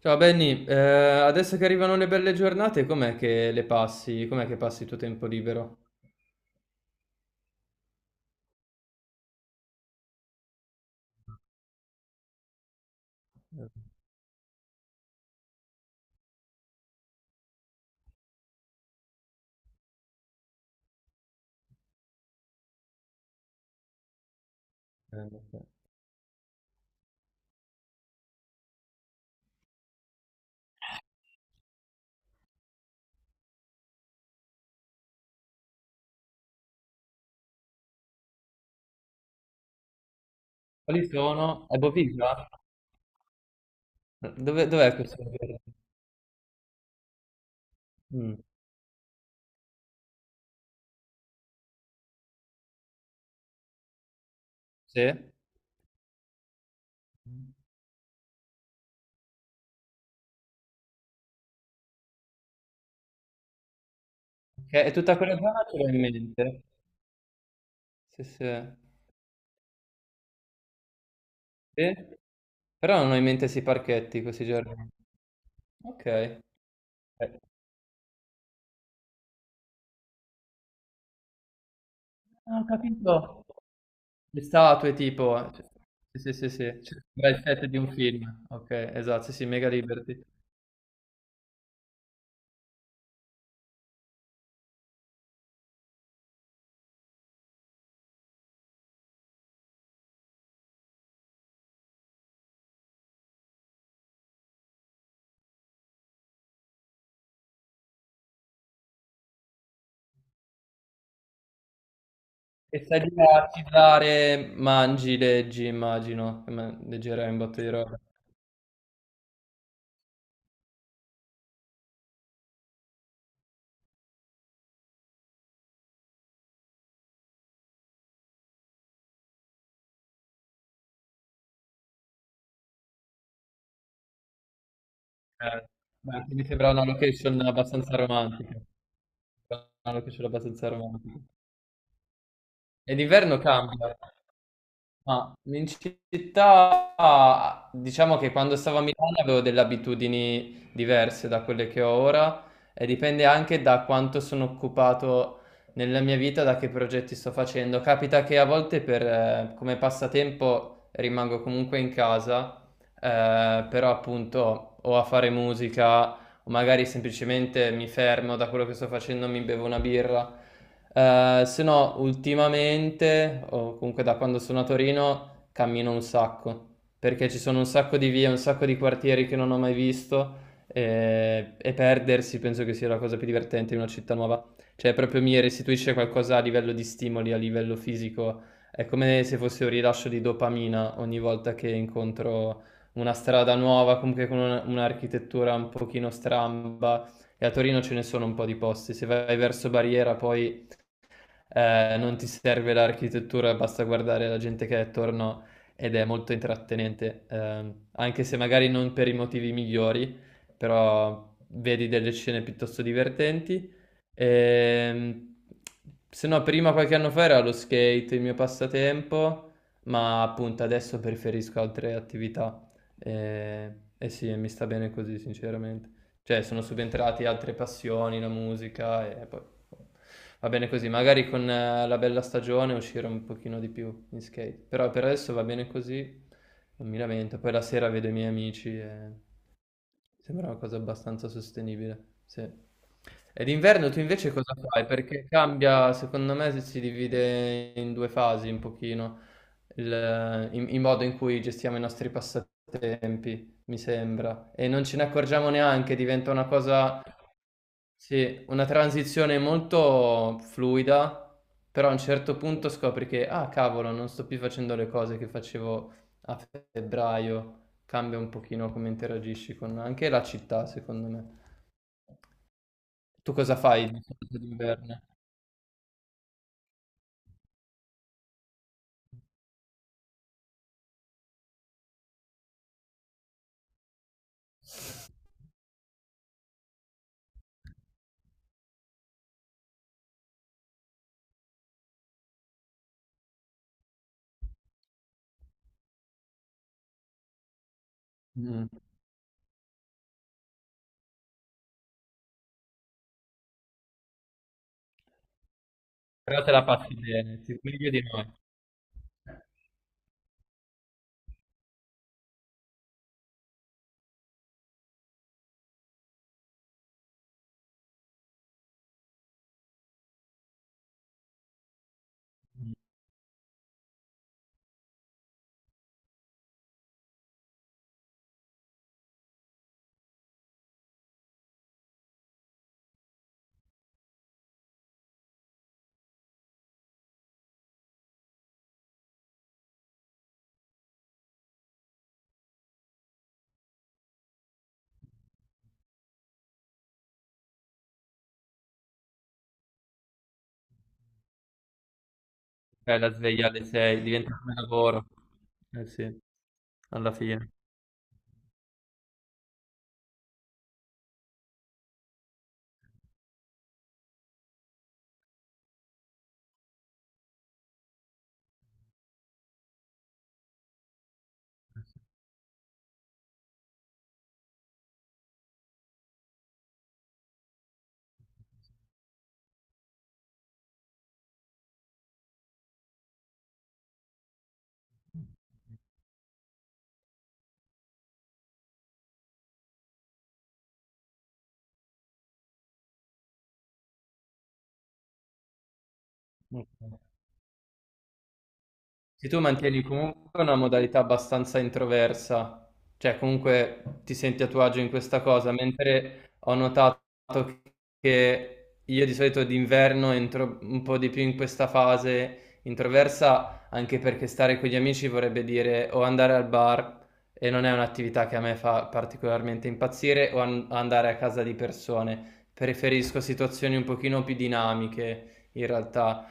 Ciao Benny, adesso che arrivano le belle giornate, com'è che le passi? Com'è che passi il tuo tempo libero? Eh, Quali sono? È Boviglia? Dove, dov'è questo? Giorno? Mm, sì? Che è tutta quella zona ce l'ho in mente. Sì, sì. Sì? Però non ho in mente questi parchetti, questi giorni. Ok. Ah, ho capito. Le statue tipo. Sì, sì, sì, sì. C'è il set di un film. Ok, esatto, sì, sì, mega liberty. E stai lì a sigillare, mangi, leggi, immagino, leggerai un botto di roba. Eh, beh, mi sembra una location abbastanza romantica. Una location abbastanza romantica. E d'inverno cambia. Ma in città, diciamo che quando stavo a Milano avevo delle abitudini diverse da quelle che ho ora e dipende anche da quanto sono occupato nella mia vita, da che progetti sto facendo. Capita che a volte per, come passatempo rimango comunque in casa, però appunto o a fare musica o magari semplicemente mi fermo da quello che sto facendo, mi bevo una birra. Se no, ultimamente, o comunque da quando sono a Torino, cammino un sacco, perché ci sono un sacco di vie, un sacco di quartieri che non ho mai visto e perdersi penso che sia la cosa più divertente in una città nuova. Cioè, proprio mi restituisce qualcosa a livello di stimoli, a livello fisico. È come se fosse un rilascio di dopamina ogni volta che incontro una strada nuova, comunque con un'architettura un pochino stramba. E a Torino ce ne sono un po' di posti. Se vai verso Barriera, poi non ti serve l'architettura, basta guardare la gente che è attorno ed è molto intrattenente, anche se magari non per i motivi migliori, però vedi delle scene piuttosto divertenti. Ehm, Se no, prima qualche anno fa era lo skate il mio passatempo, ma appunto adesso preferisco altre attività. Eh, e sì, mi sta bene così, sinceramente, cioè sono subentrati altre passioni, la musica e poi boh, va bene così. Magari con la bella stagione uscire un pochino di più in skate, però per adesso va bene così, non mi lamento. Poi la sera vedo i miei amici e sembra una cosa abbastanza sostenibile, sì. E d'inverno tu invece cosa fai? Perché cambia, secondo me, se si divide in due fasi un pochino il modo in cui gestiamo i nostri passatempi, mi sembra. E non ce ne accorgiamo neanche, diventa una cosa, sì, una transizione molto fluida, però a un certo punto scopri che, ah cavolo, non sto più facendo le cose che facevo a febbraio, cambia un pochino come interagisci con anche la città, secondo me. Tu cosa fai di solito d'inverno? Mm. Però te la passi bene, sì, meglio di noi. Fai la sveglia alle 6, diventa come lavoro. Eh sì, alla fine. Ok. Se tu mantieni comunque una modalità abbastanza introversa, cioè comunque ti senti a tuo agio in questa cosa, mentre ho notato che io di solito d'inverno entro un po' di più in questa fase introversa, anche perché stare con gli amici vorrebbe dire o andare al bar e non è un'attività che a me fa particolarmente impazzire, o andare a casa di persone. Preferisco situazioni un pochino più dinamiche in realtà.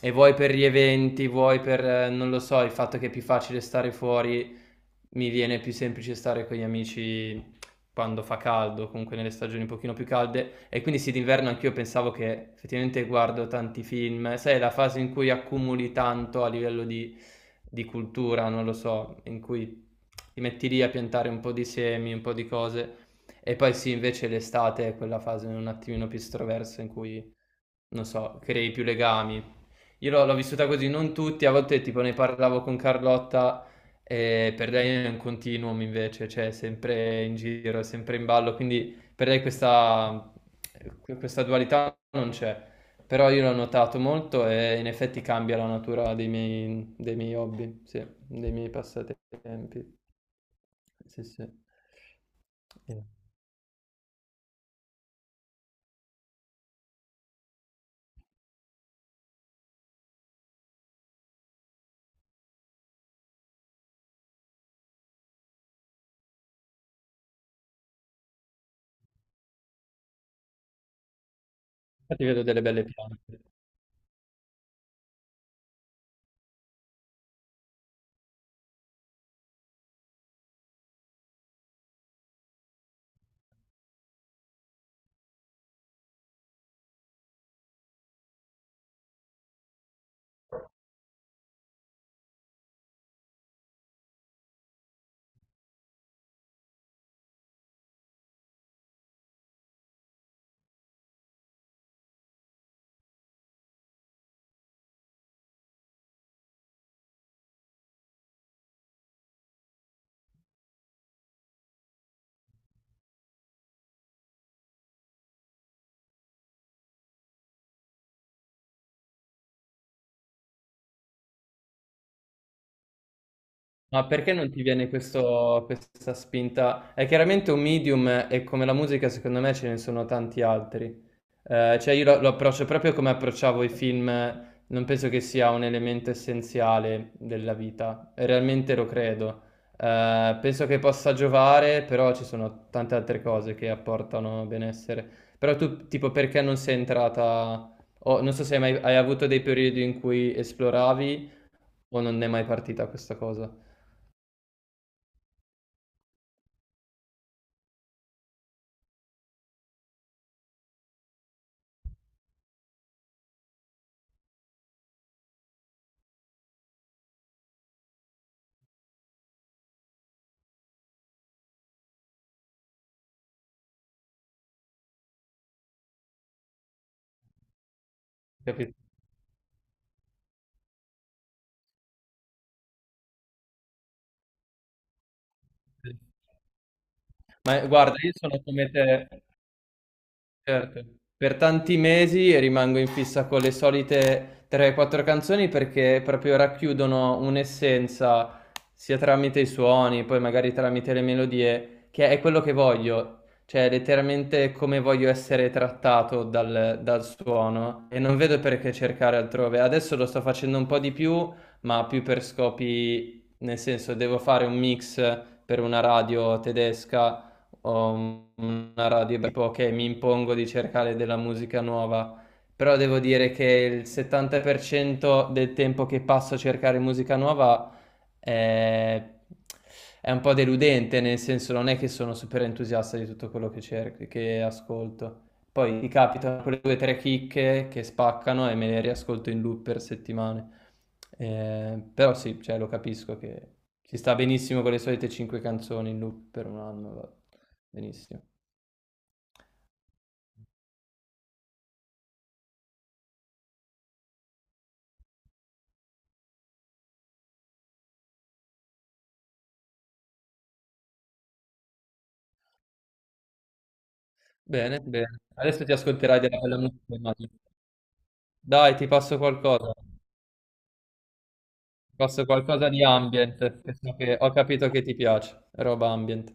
E vuoi per gli eventi, vuoi per, non lo so, il fatto che è più facile stare fuori mi viene più semplice stare con gli amici quando fa caldo, comunque nelle stagioni un pochino più calde, e quindi sì, d'inverno anch'io pensavo che effettivamente guardo tanti film, sai, è la fase in cui accumuli tanto a livello di cultura, non lo so, in cui ti metti lì a piantare un po' di semi, un po' di cose, e poi sì, invece l'estate è quella fase un attimino più estroversa in cui, non so, crei più legami. Io l'ho vissuta così, non tutti, a volte tipo ne parlavo con Carlotta e per lei è un continuum invece, cioè è sempre in giro, è sempre in ballo, quindi per lei questa, questa dualità non c'è. Però io l'ho notato molto e in effetti cambia la natura dei miei hobby, sì, dei miei passatempi. Sì, sì. Infatti vedo delle belle piante. Ma perché non ti viene questa spinta? È chiaramente un medium e come la musica secondo me ce ne sono tanti altri. Cioè io lo approccio proprio come approcciavo i film, non penso che sia un elemento essenziale della vita, realmente lo credo. Penso che possa giovare, però ci sono tante altre cose che apportano benessere. Però tu, tipo, perché non sei entrata, o non so se hai mai hai avuto dei periodi in cui esploravi o non è mai partita questa cosa. Capito? Ma guarda, io sono come te. Certo. Per tanti mesi rimango in fissa con le solite 3-4 canzoni perché proprio racchiudono un'essenza sia tramite i suoni, poi magari tramite le melodie, che è quello che voglio, cioè letteralmente come voglio essere trattato dal, dal suono e non vedo perché cercare altrove. Adesso lo sto facendo un po' di più, ma più per scopi, nel senso devo fare un mix per una radio tedesca, ho una radio tipo che mi impongo di cercare della musica nuova, però devo dire che il 70% del tempo che passo a cercare musica nuova è, è un po' deludente, nel senso non è che sono super entusiasta di tutto quello che cerco, che ascolto. Poi mi capitano quelle due o tre chicche che spaccano e me le riascolto in loop per settimane. Però sì, cioè, lo capisco che ci sta benissimo con le solite cinque canzoni in loop per un anno, va benissimo. Bene, bene. Adesso ti ascolterai della bella musica, immagino. Dai, ti passo qualcosa. Ti passo qualcosa di ambient, che ho capito che ti piace, roba ambient.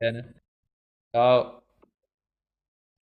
Bene. Ciao.